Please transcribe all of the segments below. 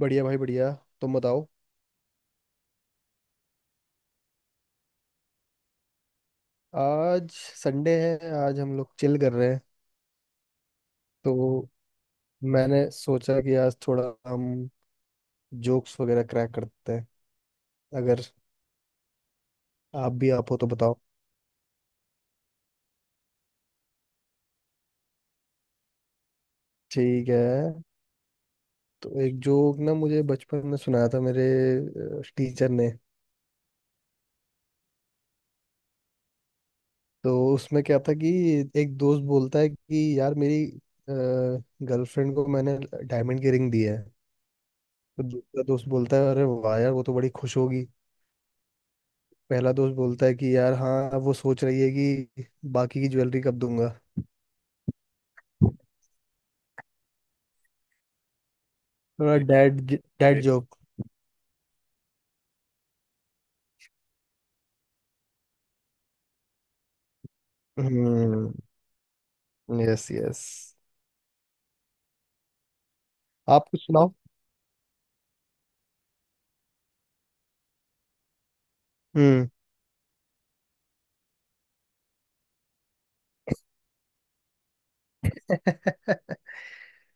बढ़िया भाई बढ़िया। तुम बताओ। आज संडे है, आज हम लोग चिल कर रहे हैं। तो मैंने सोचा कि आज थोड़ा हम जोक्स वगैरह क्रैक करते हैं। अगर आप हो तो बताओ। ठीक है। तो एक जोक ना मुझे बचपन में सुनाया था मेरे टीचर ने। तो उसमें क्या था कि एक दोस्त बोलता है कि यार मेरी गर्लफ्रेंड को मैंने डायमंड की रिंग दी है। तो दूसरा दोस्त बोलता है अरे वाह यार वो तो बड़ी खुश होगी। पहला दोस्त बोलता है कि यार, हाँ अब वो सोच रही है कि बाकी की ज्वेलरी कब दूंगा। थोड़ा डैड डैड जोक। हम्म। Yes, yes. आप कुछ सुनाओ। हम्म।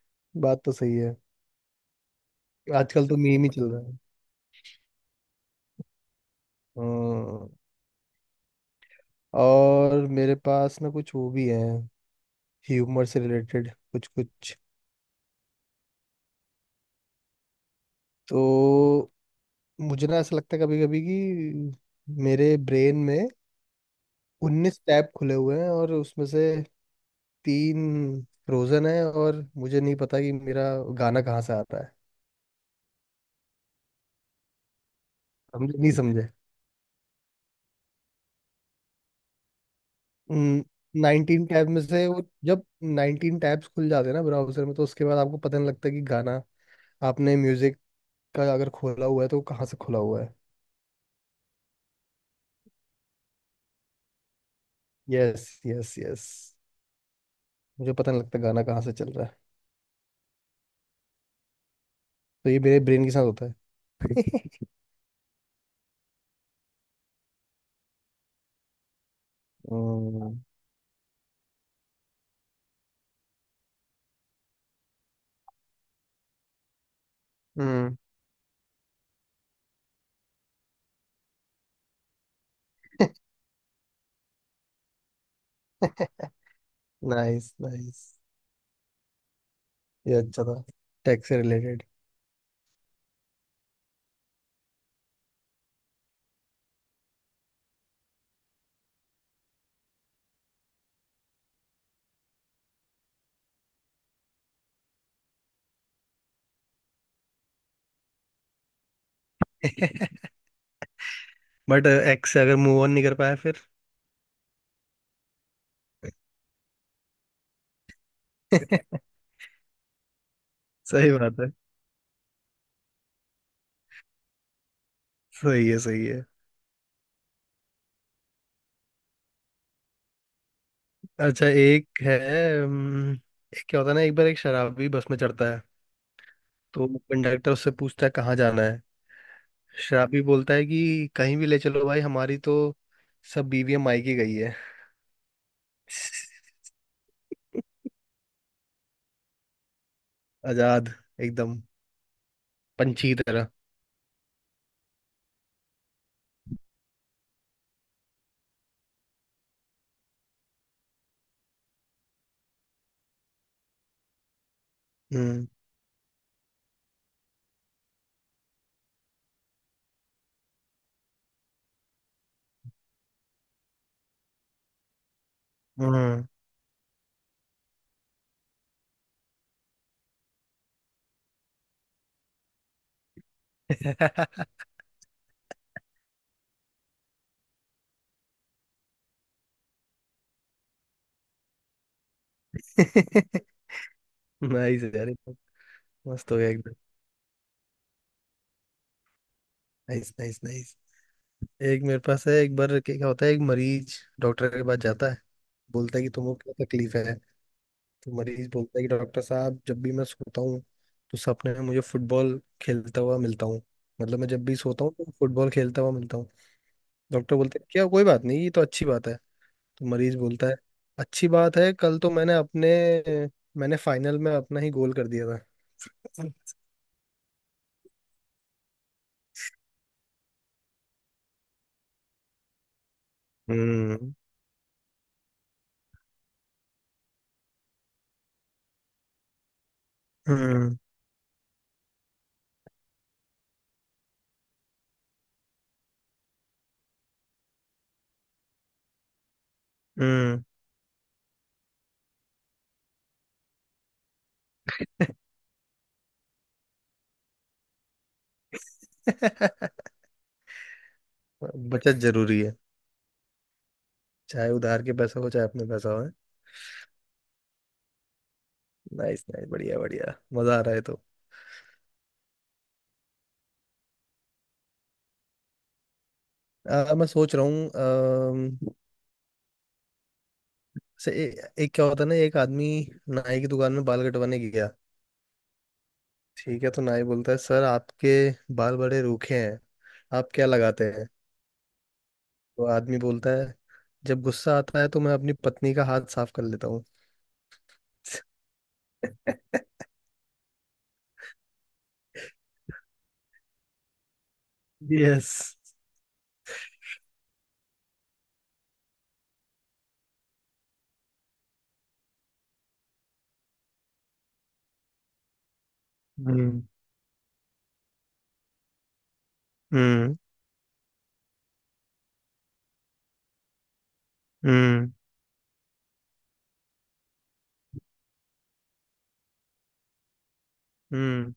बात तो सही है। आजकल तो मीम ही चल रहा है। हम्म। और मेरे पास ना कुछ वो भी है, ह्यूमर से रिलेटेड कुछ कुछ। तो मुझे ना ऐसा लगता है कभी कभी कि मेरे ब्रेन में 19 टैब खुले हुए हैं और उसमें से तीन फ्रोजन है और मुझे नहीं पता कि मेरा गाना कहाँ से आता है। हम नहीं समझे। 19 टैब में से वो जब 19 टैब्स खुल जाते हैं ना ब्राउजर में, तो उसके बाद आपको पता नहीं लगता कि गाना आपने म्यूजिक का अगर खोला हुआ है तो वो कहाँ से खुला हुआ है। Yes, yes, yes. मुझे पता नहीं लगता गाना कहाँ से चल रहा है। तो ये मेरे ब्रेन के साथ होता है। हम्म। Nice, nice. ये अच्छा था, टेक से रिलेटेड। बट एक्स से अगर मूव ऑन नहीं कर पाया फिर। सही बात है। सही है, सही है। अच्छा, एक है। हम्म, एक क्या होता है ना, एक बार एक शराबी बस में चढ़ता है। तो कंडक्टर उससे पूछता है कहाँ जाना है। शराबी बोलता है कि कहीं भी ले चलो भाई, हमारी तो सब बीवियां मायके गई है। आजाद, एकदम पंछी की तरह। हम्म। हम्म। नाइस यार, ये तो मस्त हो गया एकदम। Nice, nice, nice. एक मेरे पास है। एक बार क्या क्या होता है, एक मरीज डॉक्टर के पास जाता है। बोलता है कि तुमको क्या तकलीफ है। तो मरीज बोलता है कि डॉक्टर साहब जब भी मैं सोता हूँ तो सपने में मुझे फुटबॉल खेलता हुआ मिलता हूँ। मतलब मैं जब भी सोता हूँ तो फुटबॉल खेलता हुआ मिलता हूँ। डॉक्टर बोलते हैं क्या कोई बात नहीं, ये तो अच्छी बात है। तो मरीज बोलता है अच्छी बात है, कल तो मैंने फाइनल में अपना ही गोल कर दिया था। हम्म। हम्म। हम्म। बचत जरूरी है, चाहे उधार के पैसा हो चाहे अपने पैसा हो। नाइस, नाइस, बढ़िया, बढ़िया, मजा आ रहा है तो। मैं सोच रहा हूँ। एक क्या होता है ना, एक आदमी नाई की दुकान में बाल कटवाने गया। ठीक है। तो नाई बोलता है सर आपके बाल बड़े रूखे हैं, आप क्या लगाते हैं। तो आदमी बोलता है जब गुस्सा आता है तो मैं अपनी पत्नी का हाथ साफ कर लेता हूँ। यस। हम्म। हम्म। हम्म। हम्म।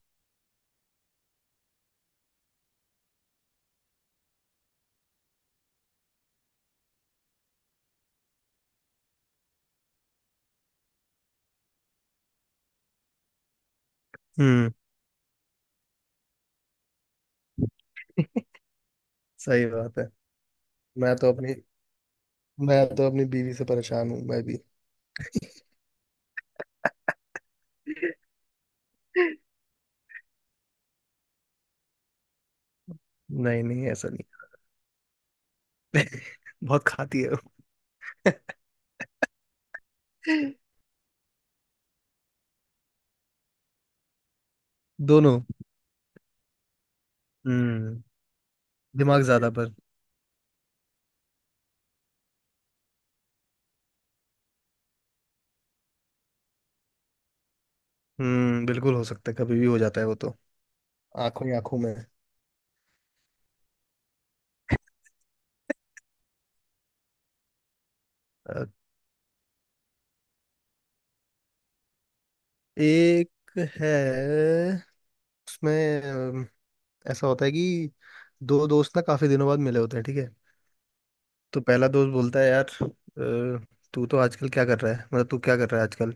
हम्म। सही बात है। मैं तो अपनी मैं तो अपनी बीवी से परेशान हूँ मैं भी। नहीं, नहीं, ऐसा नहीं। बहुत खाती है वो। दोनों। हम्म। दिमाग ज्यादा पर। हम्म। बिल्कुल हो सकता है, कभी भी हो जाता है वो तो। आंखों ही आंखों में। अ, एक है, उसमें ऐसा होता है कि दो दोस्त ना काफी दिनों बाद मिले होते हैं, ठीक है। तो पहला दोस्त बोलता है यार, तू तो आजकल क्या कर रहा है, मतलब तू क्या कर रहा है आजकल।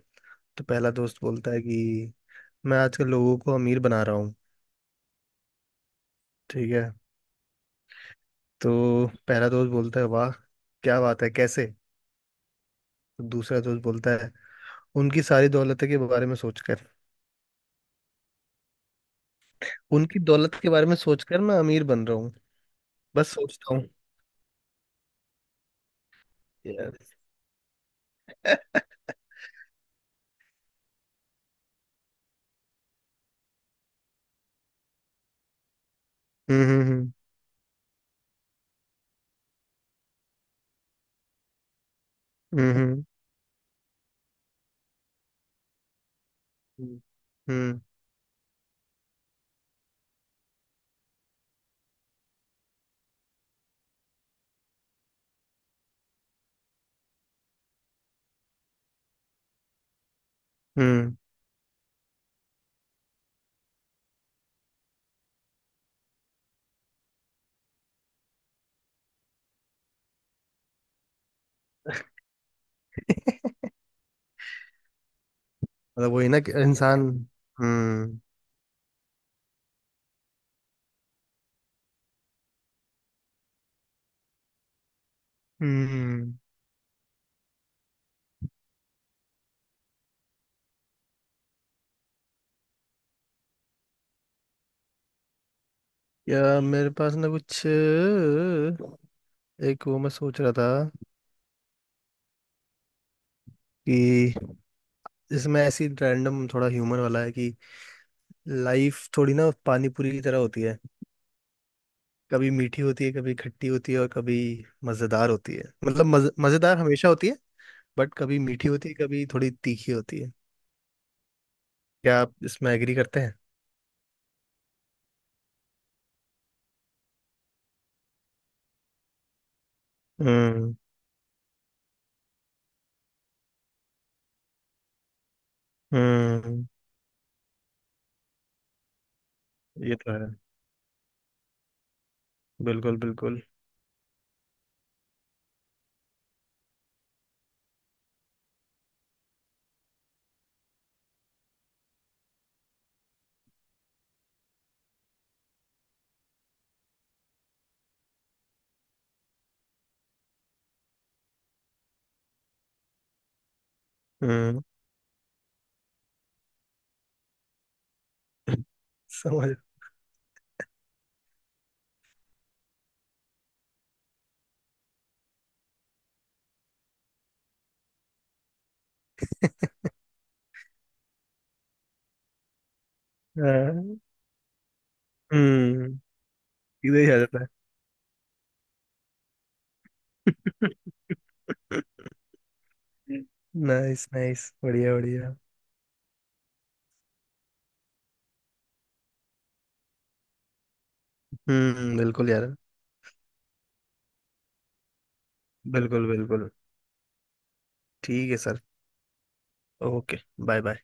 तो पहला दोस्त बोलता है कि मैं आजकल लोगों को अमीर बना रहा हूँ, ठीक है। तो पहला दोस्त बोलता है वाह क्या बात है, कैसे। तो दूसरा दोस्त बोलता है उनकी सारी दौलत के बारे में सोचकर, उनकी दौलत के बारे में सोचकर मैं अमीर बन रहा हूँ, बस सोचता हूँ। Yes. हम्म। हम्म। हम्म। हम्म। हम्म। हम्म, हम्म। मतलब वही ना कि इंसान। हम्म। हम्म। या मेरे पास ना कुछ एक वो मैं सोच रहा था कि इसमें ऐसी रैंडम थोड़ा ह्यूमन वाला है कि लाइफ थोड़ी ना पानी पूरी की तरह होती है। कभी मीठी होती है, कभी खट्टी होती है और कभी मजेदार होती है, मतलब मजेदार हमेशा होती है। बट कभी मीठी होती है, कभी थोड़ी तीखी होती है। क्या आप इसमें एग्री करते हैं? हम्म। हम्म। ये तो है, बिल्कुल, बिल्कुल। हम्म। समझ। हाँ, हम्म। सीधे ही आ जाता है। नाइस, नाइस, बढ़िया, बढ़िया। हम्म, बिल्कुल यार। बिल्कुल, बिल्कुल। ठीक है सर। ओके। Bye bye.